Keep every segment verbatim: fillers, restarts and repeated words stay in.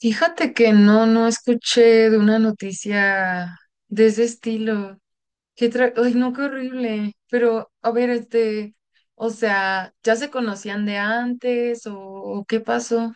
Fíjate que no, no escuché de una noticia de ese estilo. Qué tra- Ay, no, qué horrible. Pero, a ver, este, o sea, ¿ya se conocían de antes o, o qué pasó?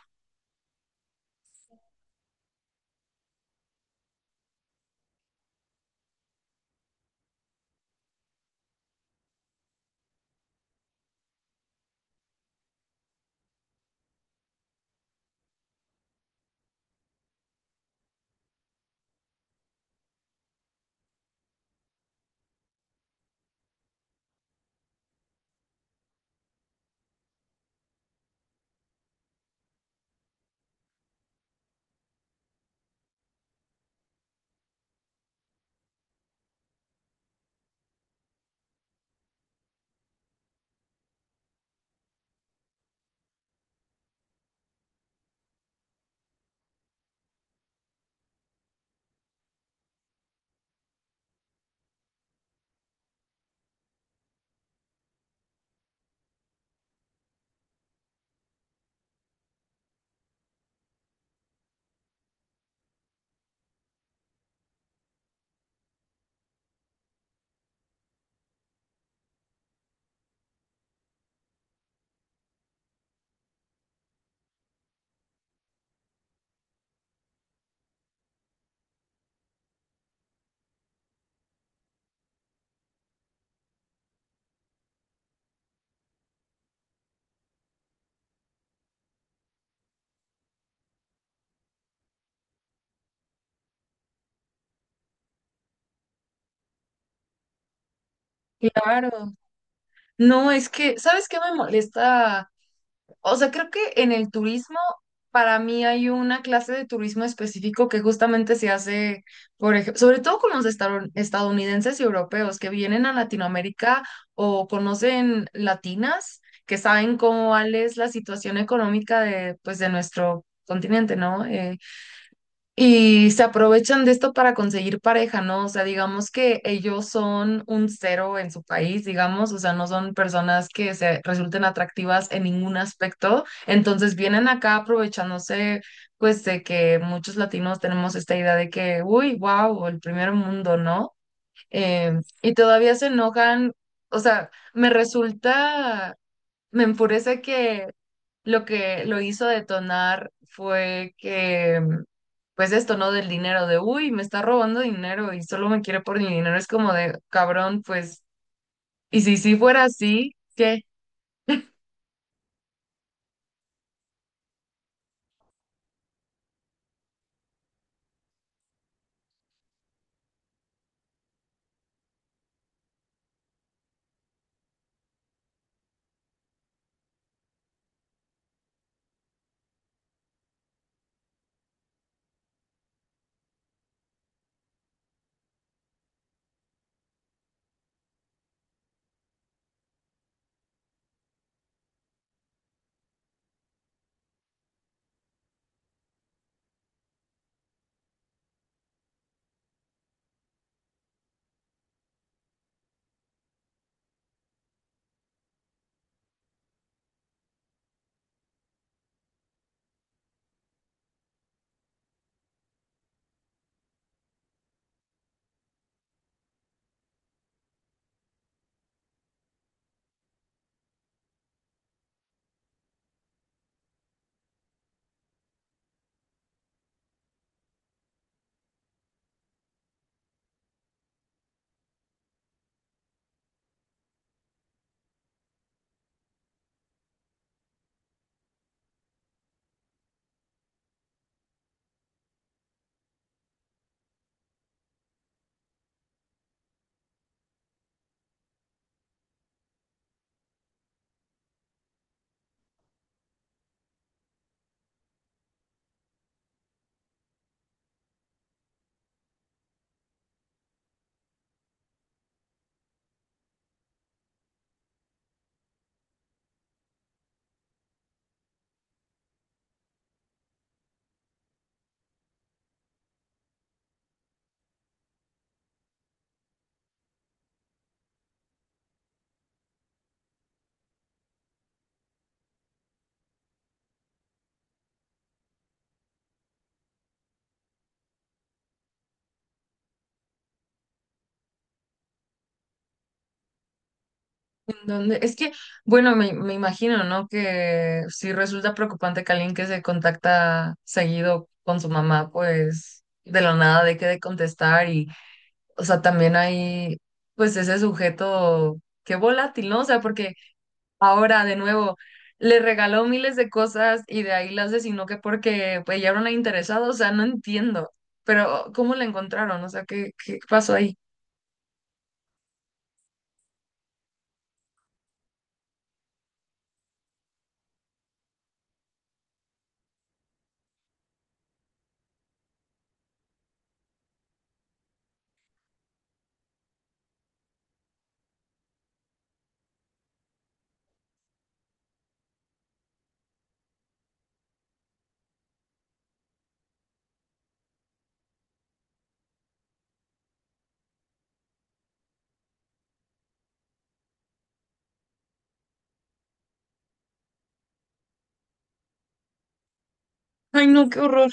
Claro. No, es que, ¿sabes qué me molesta? O sea, creo que en el turismo, para mí hay una clase de turismo específico que justamente se hace, por ejemplo, sobre todo con los estaron- estadounidenses y europeos que vienen a Latinoamérica o conocen latinas, que saben cómo cuál es la situación económica de, pues, de nuestro continente, ¿no? Eh, y se aprovechan de esto para conseguir pareja, ¿no? O sea, digamos que ellos son un cero en su país, digamos, o sea, no son personas que se resulten atractivas en ningún aspecto. Entonces vienen acá aprovechándose, pues, de que muchos latinos tenemos esta idea de que, uy, wow, el primer mundo, ¿no? Em, y todavía se enojan, o sea, me resulta, me enfurece que lo que lo hizo detonar fue que, mm, pues esto, ¿no? Del dinero, de, uy, me está robando dinero y solo me quiere por mi dinero. Es como de, cabrón, pues, y si sí fuera así, ¿qué? ¿En dónde? Es que, bueno, me, me imagino, ¿no? Que si resulta preocupante que alguien que se contacta seguido con su mamá, pues, de la nada deje de contestar y, o sea, también hay, pues, ese sujeto, qué volátil, ¿no? O sea, porque... Ahora, de nuevo, le regaló miles de cosas y de ahí la asesinó que porque pues, ya era una interesada, o sea, no entiendo. Pero, ¿cómo la encontraron? O sea, ¿qué, qué pasó ahí? Ay, no, qué horror.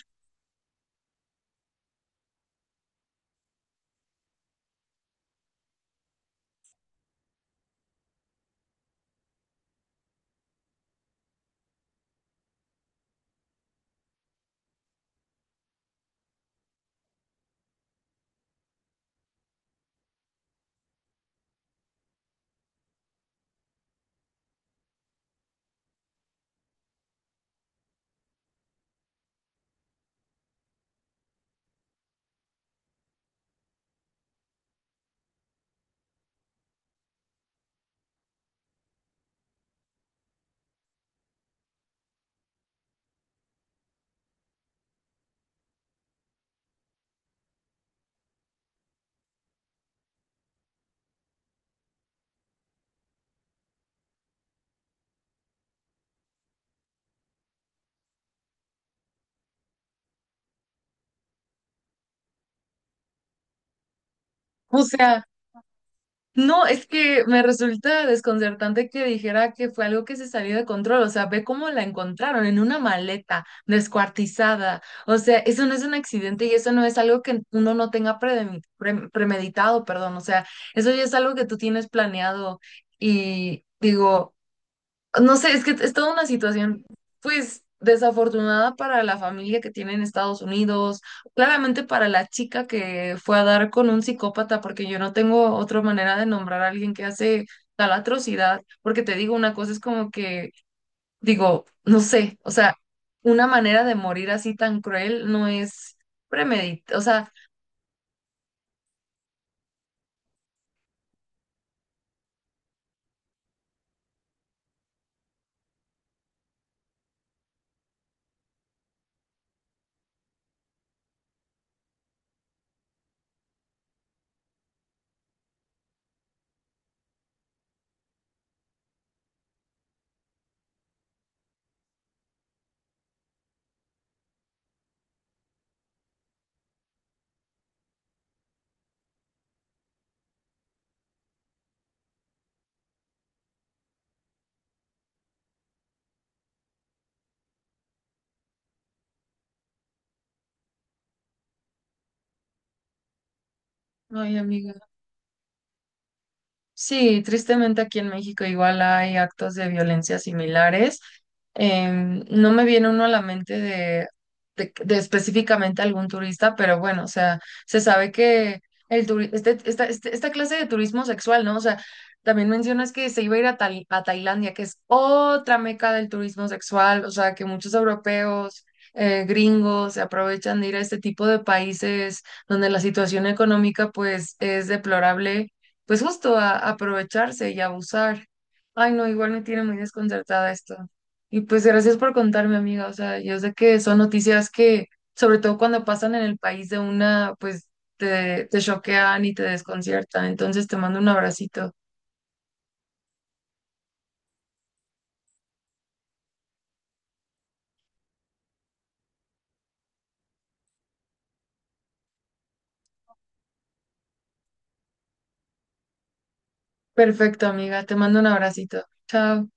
O sea, no, es que me resulta desconcertante que dijera que fue algo que se salió de control. O sea, ve cómo la encontraron en una maleta descuartizada. O sea, eso no es un accidente y eso no es algo que uno no tenga predem- pre- premeditado, perdón. O sea, eso ya es algo que tú tienes planeado. Y digo, no sé, es que es toda una situación, pues, desafortunada para la familia que tiene en Estados Unidos, claramente para la chica que fue a dar con un psicópata, porque yo no tengo otra manera de nombrar a alguien que hace tal atrocidad, porque te digo una cosa, es como que, digo, no sé, o sea, una manera de morir así tan cruel no es premedit, o sea, ay, amiga. Sí, tristemente aquí en México igual hay actos de violencia similares. Em, no me viene uno a la mente de, de- de específicamente algún turista, pero bueno, o sea, se sabe que el turi- este- esta, este- esta clase de turismo sexual, ¿no? O sea, también mencionas que se iba a ir a, Tai- a Tailandia, que es otra meca del turismo sexual, o sea, que muchos europeos, eh, gringos, se aprovechan de ir a este tipo de países donde la situación económica pues es deplorable pues justo a, a aprovecharse y abusar. Ay, no, igual me tiene muy desconcertada esto. Y pues gracias por contarme, amiga. O sea, yo sé que son noticias que, sobre todo cuando pasan en el país de una, pues te, te choquean y te desconciertan. Entonces te mando un abracito. Perfecto, amiga. Te mando un abracito. Chao.